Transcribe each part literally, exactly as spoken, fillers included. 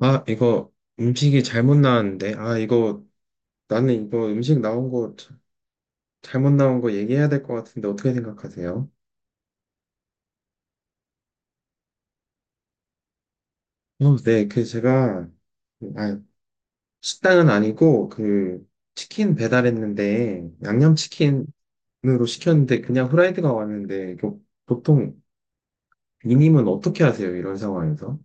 아, 이거 음식이 잘못 나왔는데. 아, 이거 나는 이거 음식 나온 거 자- 잘못 나온 거 얘기해야 될 것 같은데 어떻게 생각하세요? 어, 네, 그 제가 아, 식당은 아니고 그 치킨 배달했는데 양념치킨으로 시켰는데 그냥 후라이드가 왔는데 이거 보통 이님은 어떻게 하세요? 이런 상황에서?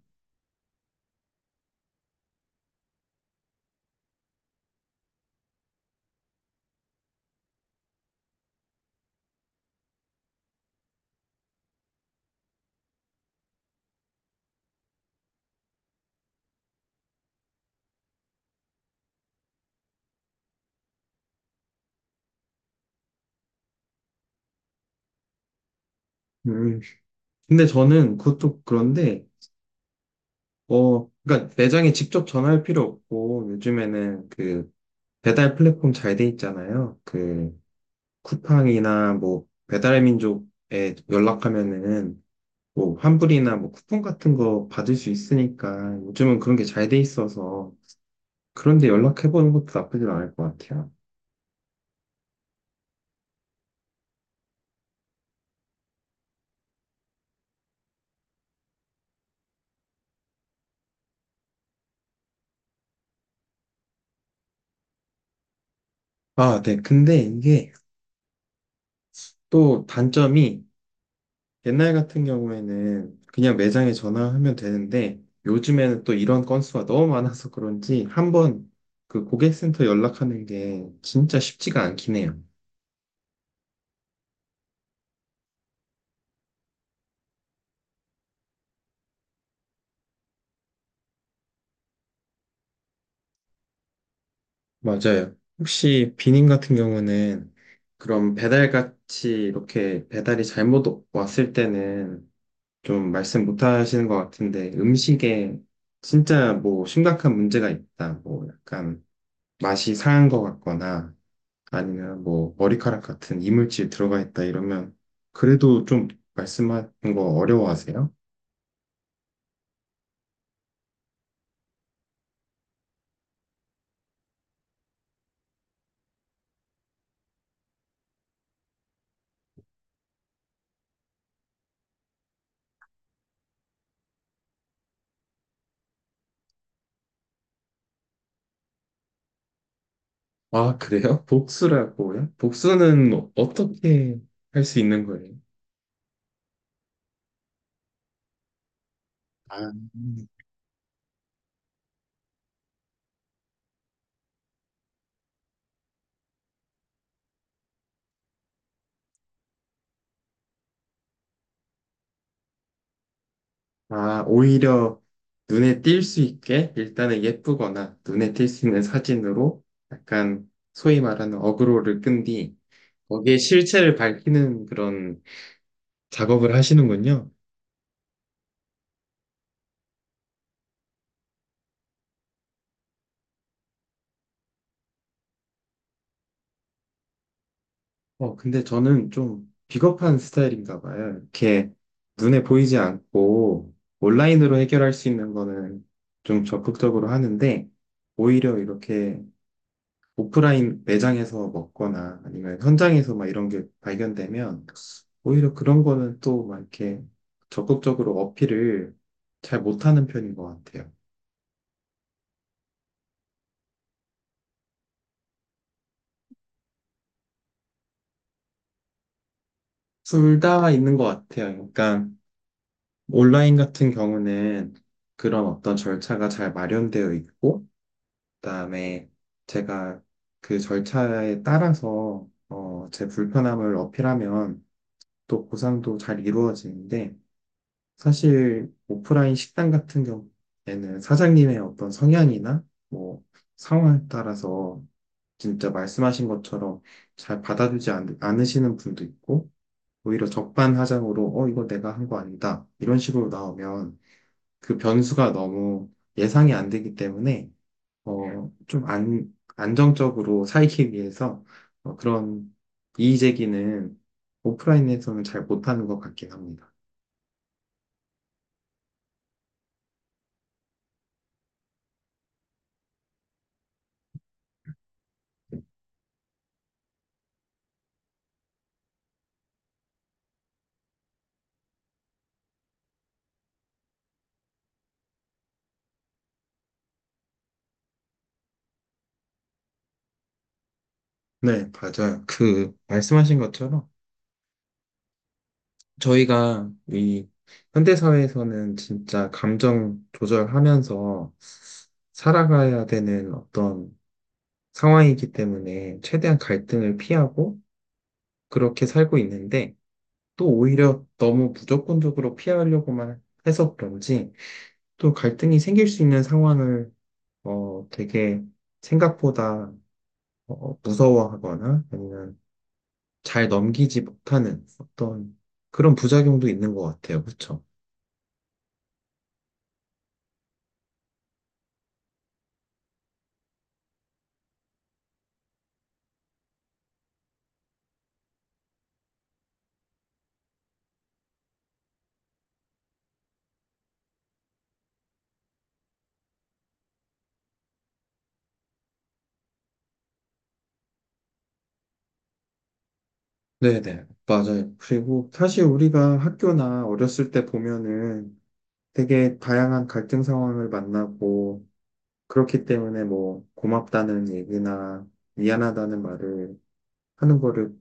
음, 근데 저는 그것도 그런데 어, 그러니까 매장에 직접 전화할 필요 없고 요즘에는 그 배달 플랫폼 잘 돼 있잖아요. 그 쿠팡이나 뭐 배달민족에 연락하면은 뭐 환불이나 뭐 쿠폰 같은 거 받을 수 있으니까 요즘은 그런 게 잘 돼 있어서 그런데 연락해보는 것도 나쁘진 않을 것 같아요. 아, 네. 근데 이게 또 단점이, 옛날 같은 경우에는 그냥 매장에 전화하면 되는데 요즘에는 또 이런 건수가 너무 많아서 그런지 한번 그 고객센터 연락하는 게 진짜 쉽지가 않긴 해요. 맞아요. 혹시 비님 같은 경우는 그럼 배달같이 이렇게 배달이 잘못 왔을 때는 좀 말씀 못 하시는 것 같은데, 음식에 진짜 뭐 심각한 문제가 있다, 뭐 약간 맛이 상한 것 같거나 아니면 뭐 머리카락 같은 이물질 들어가 있다 이러면 그래도 좀 말씀하는 거 어려워하세요? 아, 그래요? 복수라고요? 복수는 어떻게 할 수 있는 거예요? 아, 아, 오히려 눈에 띌 수 있게 일단은 예쁘거나 눈에 띌 수 있는 사진으로 약간 소위 말하는 어그로를 끈 뒤 거기에 실체를 밝히는 그런 작업을 하시는군요. 어, 근데 저는 좀 비겁한 스타일인가 봐요. 이렇게 눈에 보이지 않고 온라인으로 해결할 수 있는 거는 좀 적극적으로 하는데 오히려 이렇게 오프라인 매장에서 먹거나 아니면 현장에서 막 이런 게 발견되면 오히려 그런 거는 또 막 이렇게 적극적으로 어필을 잘 못하는 편인 것 같아요. 둘 다 있는 것 같아요. 그러니까 온라인 같은 경우는 그런 어떤 절차가 잘 마련되어 있고, 그다음에 제가 그 절차에 따라서 어, 제 불편함을 어필하면 또 보상도 잘 이루어지는데, 사실 오프라인 식당 같은 경우에는 사장님의 어떤 성향이나 뭐 상황에 따라서 진짜 말씀하신 것처럼 잘 받아주지 않, 않으시는 분도 있고, 오히려 적반하장으로 어 이거 내가 한 거 아니다 이런 식으로 나오면 그 변수가 너무 예상이 안 되기 때문에, 어좀 안, 안정적으로 살기 위해서 어, 그런 이의 제기는 오프라인에서는 잘 못하는 것 같긴 합니다. 네, 맞아요. 그, 말씀하신 것처럼 저희가 이 현대사회에서는 진짜 감정 조절하면서 살아가야 되는 어떤 상황이기 때문에 최대한 갈등을 피하고 그렇게 살고 있는데, 또 오히려 너무 무조건적으로 피하려고만 해서 그런지 또 갈등이 생길 수 있는 상황을 어, 되게 생각보다 어, 무서워하거나 아니면 잘 넘기지 못하는 어떤 그런 부작용도 있는 것 같아요. 그렇죠? 네네, 맞아요. 그리고 사실 우리가 학교나 어렸을 때 보면은 되게 다양한 갈등 상황을 만나고 그렇기 때문에 뭐 고맙다는 얘기나 미안하다는 말을 하는 거를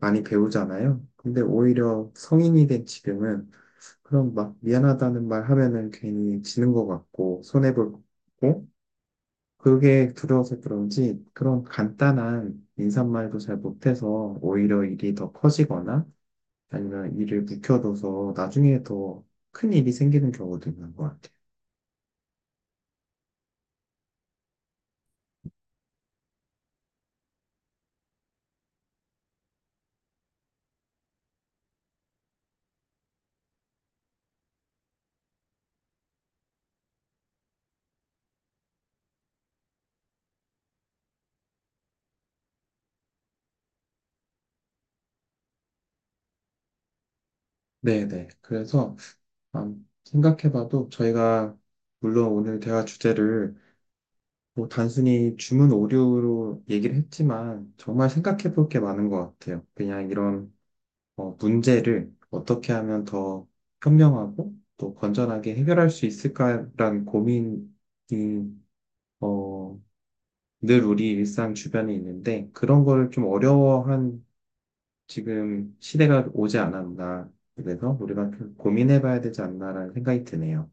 많이 배우잖아요. 근데 오히려 성인이 된 지금은 그런 막 미안하다는 말 하면은 괜히 지는 것 같고 손해볼 것 같고, 그게 두려워서 그런지 그런 간단한 인사말도 잘 못해서 오히려 일이 더 커지거나 아니면 일을 묵혀둬서 나중에 더 큰 일이 생기는 경우도 있는 것 같아요. 네네. 그래서 음, 생각해봐도 저희가, 물론 오늘 대화 주제를 뭐 단순히 주문 오류로 얘기를 했지만 정말 생각해볼 게 많은 것 같아요. 그냥 이런 어, 문제를 어떻게 하면 더 현명하고 또 건전하게 해결할 수 있을까라는 고민이 어, 늘 우리 일상 주변에 있는데 그런 걸 좀 어려워한 지금 시대가 오지 않았나, 그래서 우리가 좀 고민해봐야 되지 않나라는 생각이 드네요.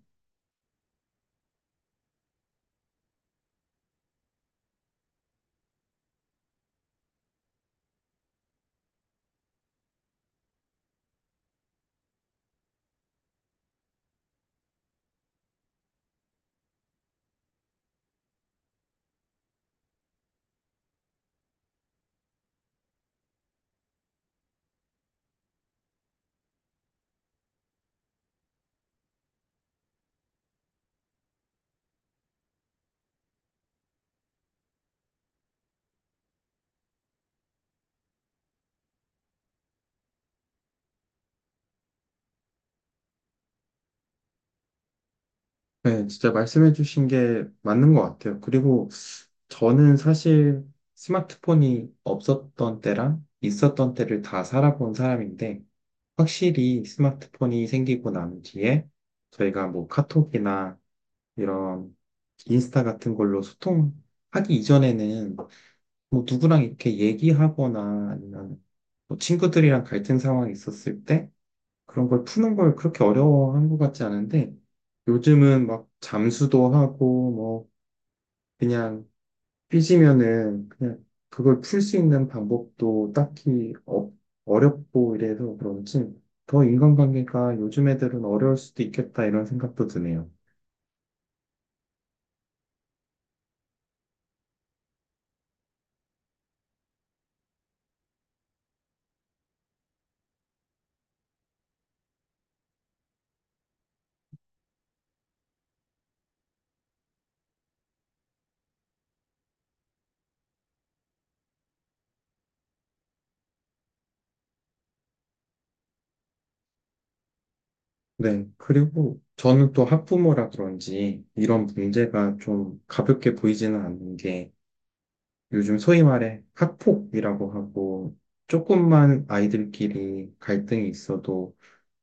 네, 진짜 말씀해주신 게 맞는 것 같아요. 그리고 저는 사실 스마트폰이 없었던 때랑 있었던 때를 다 살아본 사람인데, 확실히 스마트폰이 생기고 난 뒤에 저희가 뭐 카톡이나 이런 인스타 같은 걸로 소통하기 이전에는 뭐 누구랑 이렇게 얘기하거나 아니면 뭐 친구들이랑 갈등 상황이 있었을 때 그런 걸 푸는 걸 그렇게 어려워한 것 같지 않은데, 요즘은 막 잠수도 하고 뭐 그냥 삐지면은 그냥 그걸 풀 수 있는 방법도 딱히 어, 어렵고 이래서 그런지 더 인간관계가 요즘 애들은 어려울 수도 있겠다 이런 생각도 드네요. 네. 그리고 저는 또 학부모라 그런지 이런 문제가 좀 가볍게 보이지는 않는 게, 요즘 소위 말해 학폭이라고 하고 조금만 아이들끼리 갈등이 있어도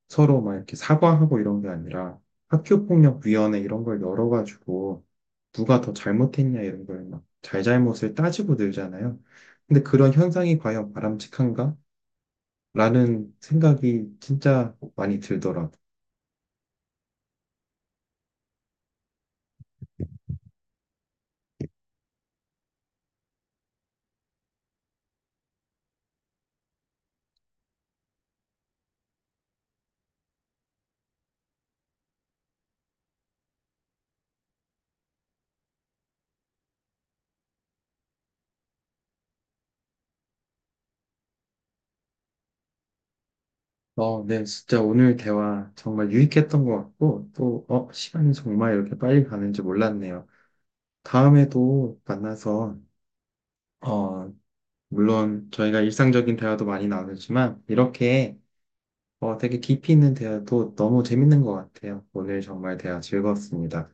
서로 막 이렇게 사과하고 이런 게 아니라 학교폭력위원회 이런 걸 열어가지고 누가 더 잘못했냐 이런 걸 막 잘잘못을 따지고 늘잖아요. 근데 그런 현상이 과연 바람직한가? 라는 생각이 진짜 많이 들더라고요. 어, 네, 진짜 오늘 대화 정말 유익했던 것 같고, 또, 어, 시간이 정말 이렇게 빨리 가는지 몰랐네요. 다음에도 만나서 어, 물론 저희가 일상적인 대화도 많이 나누지만, 이렇게 어, 되게 깊이 있는 대화도 너무 재밌는 것 같아요. 오늘 정말 대화 즐거웠습니다.